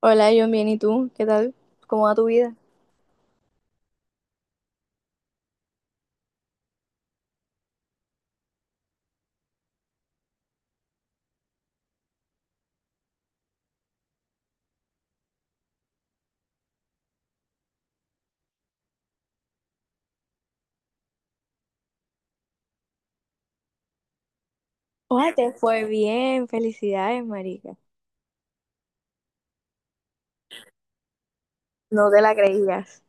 Hola, John, bien, ¿y tú? ¿Qué tal? ¿Cómo va tu vida? Oye, te fue bien, felicidades, marica. No te la creías.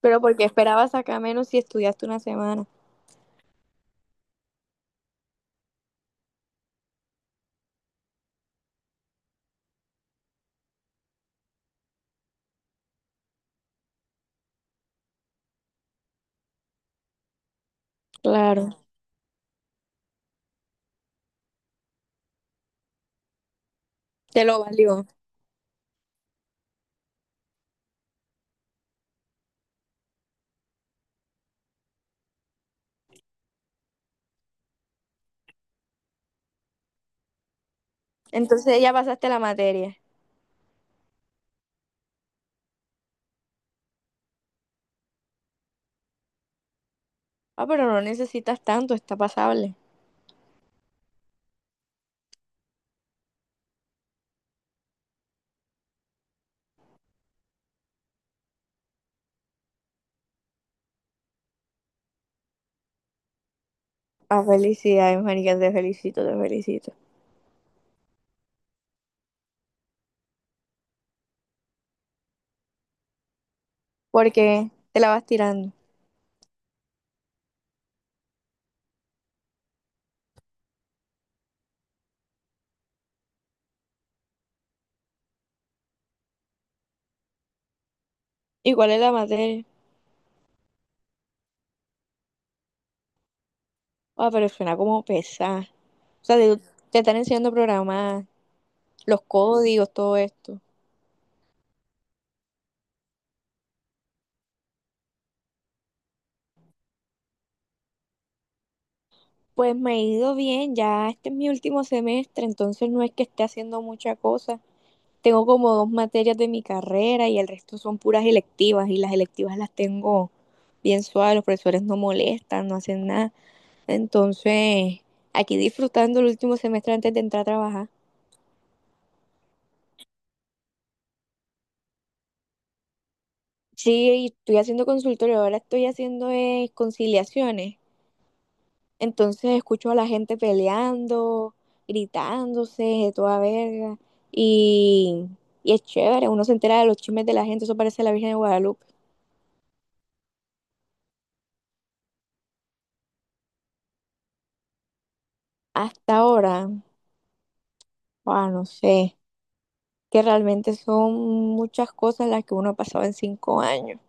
Pero porque esperabas sacar menos si estudiaste una semana. Claro, te lo valió. Entonces ya pasaste la materia. Ah, pero no necesitas tanto, está pasable. Ah, felicidades, marica, te felicito, te felicito. Porque te la vas tirando. ¿Y cuál es la materia? Ah, pero suena como pesada. O sea, te están enseñando a programar, los códigos, todo esto. Pues me ha ido bien, ya este es mi último semestre, entonces no es que esté haciendo mucha cosa. Tengo como dos materias de mi carrera y el resto son puras electivas y las electivas las tengo bien suaves, los profesores no molestan, no hacen nada. Entonces, aquí disfrutando el último semestre antes de entrar a trabajar. Sí, y estoy haciendo consultorio, ahora estoy haciendo conciliaciones. Entonces escucho a la gente peleando, gritándose, de toda verga. Y, y es chévere, uno se entera de los chismes de la gente, eso parece la Virgen de Guadalupe. Hasta ahora, ah, no sé, que realmente son muchas cosas las que uno ha pasado en 5 años.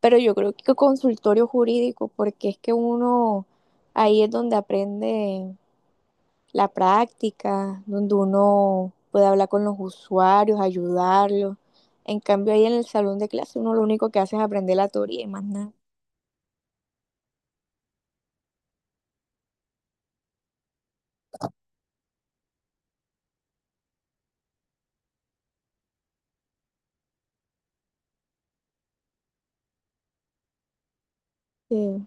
Pero yo creo que consultorio jurídico, porque es que uno ahí es donde aprende la práctica, donde uno puede hablar con los usuarios, ayudarlos. En cambio, ahí en el salón de clase uno lo único que hace es aprender la teoría y más nada. Sí,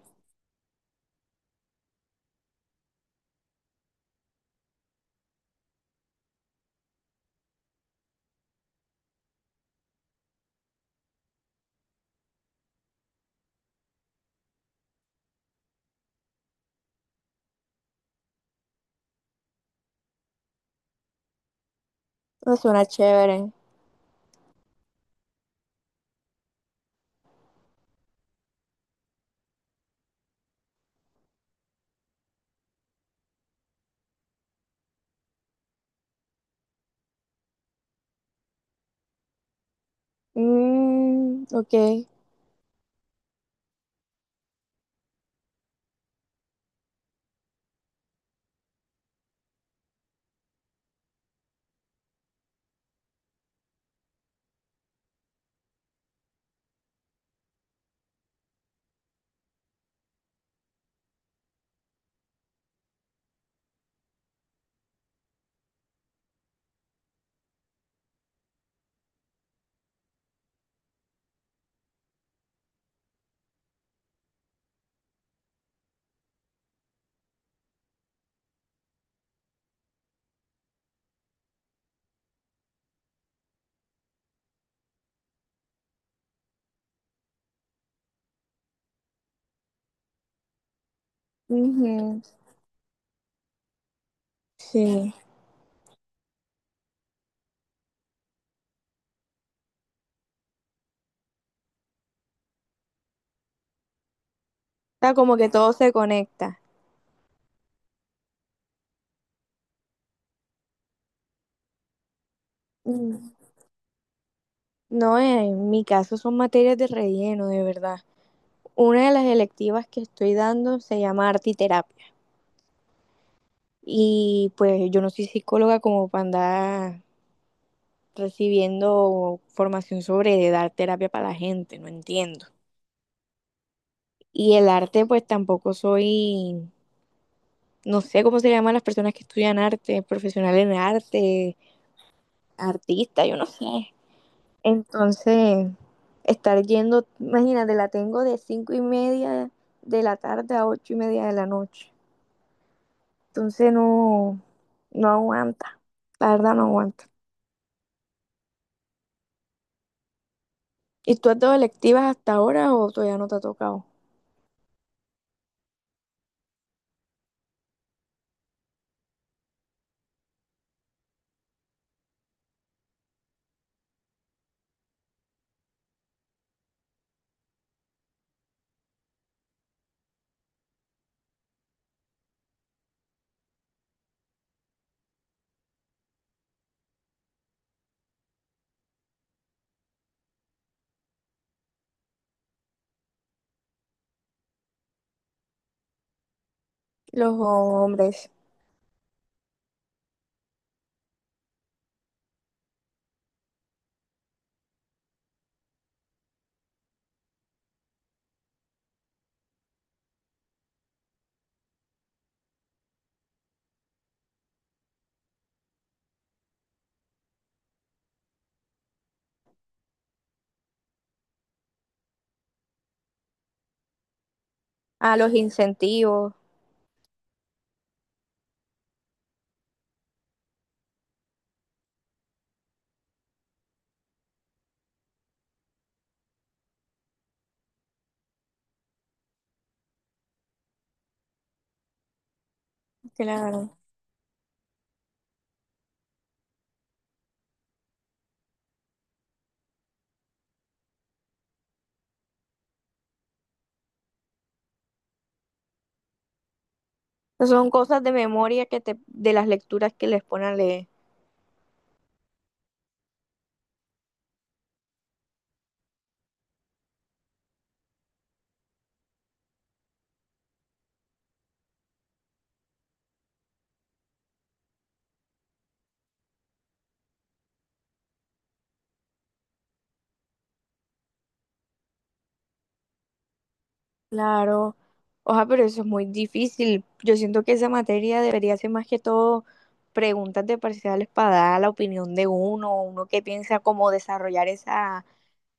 eso suena chévere. Mm, ok. Ujú. Sí. O sea, como que todo se conecta. Mm. No, en mi caso son materias de relleno, de verdad. Una de las electivas que estoy dando se llama arte y terapia. Y pues yo no soy psicóloga como para andar recibiendo formación sobre de dar terapia para la gente, no entiendo. Y el arte, pues tampoco soy, no sé cómo se llaman las personas que estudian arte, profesionales en arte, artista, yo no sé. Entonces, estar yendo, imagínate, la tengo de 5:30 de la tarde a 8:30 de la noche. Entonces no, no aguanta, la verdad no aguanta. ¿Y tú has dado electivas hasta ahora o todavía no te ha tocado? Los hombres. A los incentivos. Claro. Son cosas de memoria que te, de las lecturas que les ponen a leer. Claro. Oja, pero eso es muy difícil. Yo siento que esa materia debería ser más que todo preguntas de parciales para dar la opinión de uno, uno que piensa cómo desarrollar esa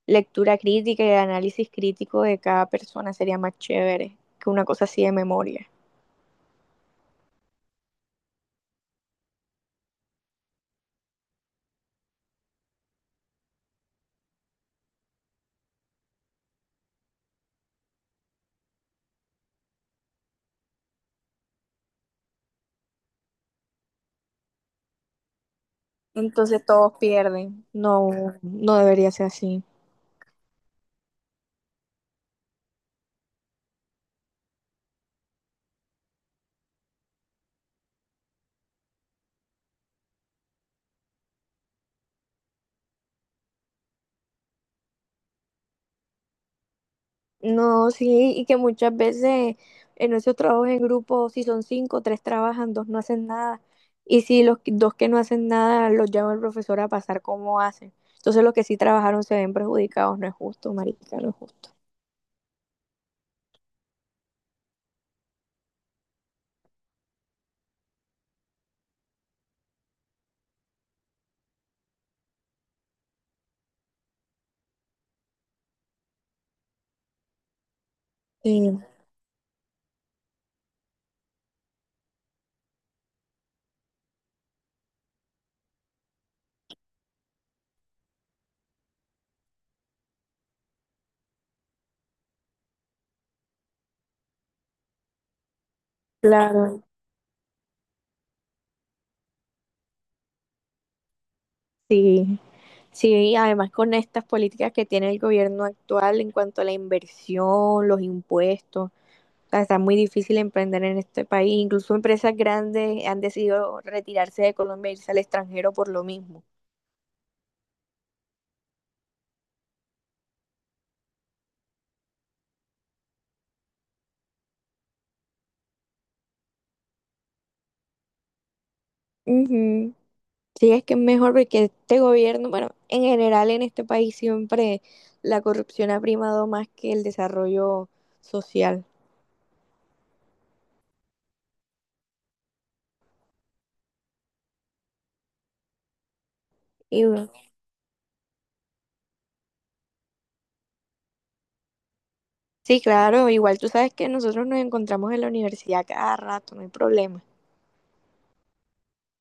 lectura crítica y el análisis crítico de cada persona sería más chévere que una cosa así de memoria. Entonces todos pierden. No, no debería ser así. No, sí, y que muchas veces en esos trabajos en grupo, si son cinco, tres trabajan, dos no hacen nada. Y si los que- dos que no hacen nada, los llama el profesor a pasar cómo hacen. Entonces los que sí trabajaron se ven perjudicados, no es justo, marica, no es justo. Sí, claro. Sí, sí, y además con estas políticas que tiene el gobierno actual en cuanto a la inversión, los impuestos. Sea, está muy difícil emprender en este país. Incluso empresas grandes han decidido retirarse de Colombia e irse al extranjero por lo mismo. Ujú. Sí, es que es mejor porque este gobierno, bueno, en general en este país siempre la corrupción ha primado más que el desarrollo social. Y, bueno, sí, claro, igual tú sabes que nosotros nos encontramos en la universidad cada rato, no hay problema.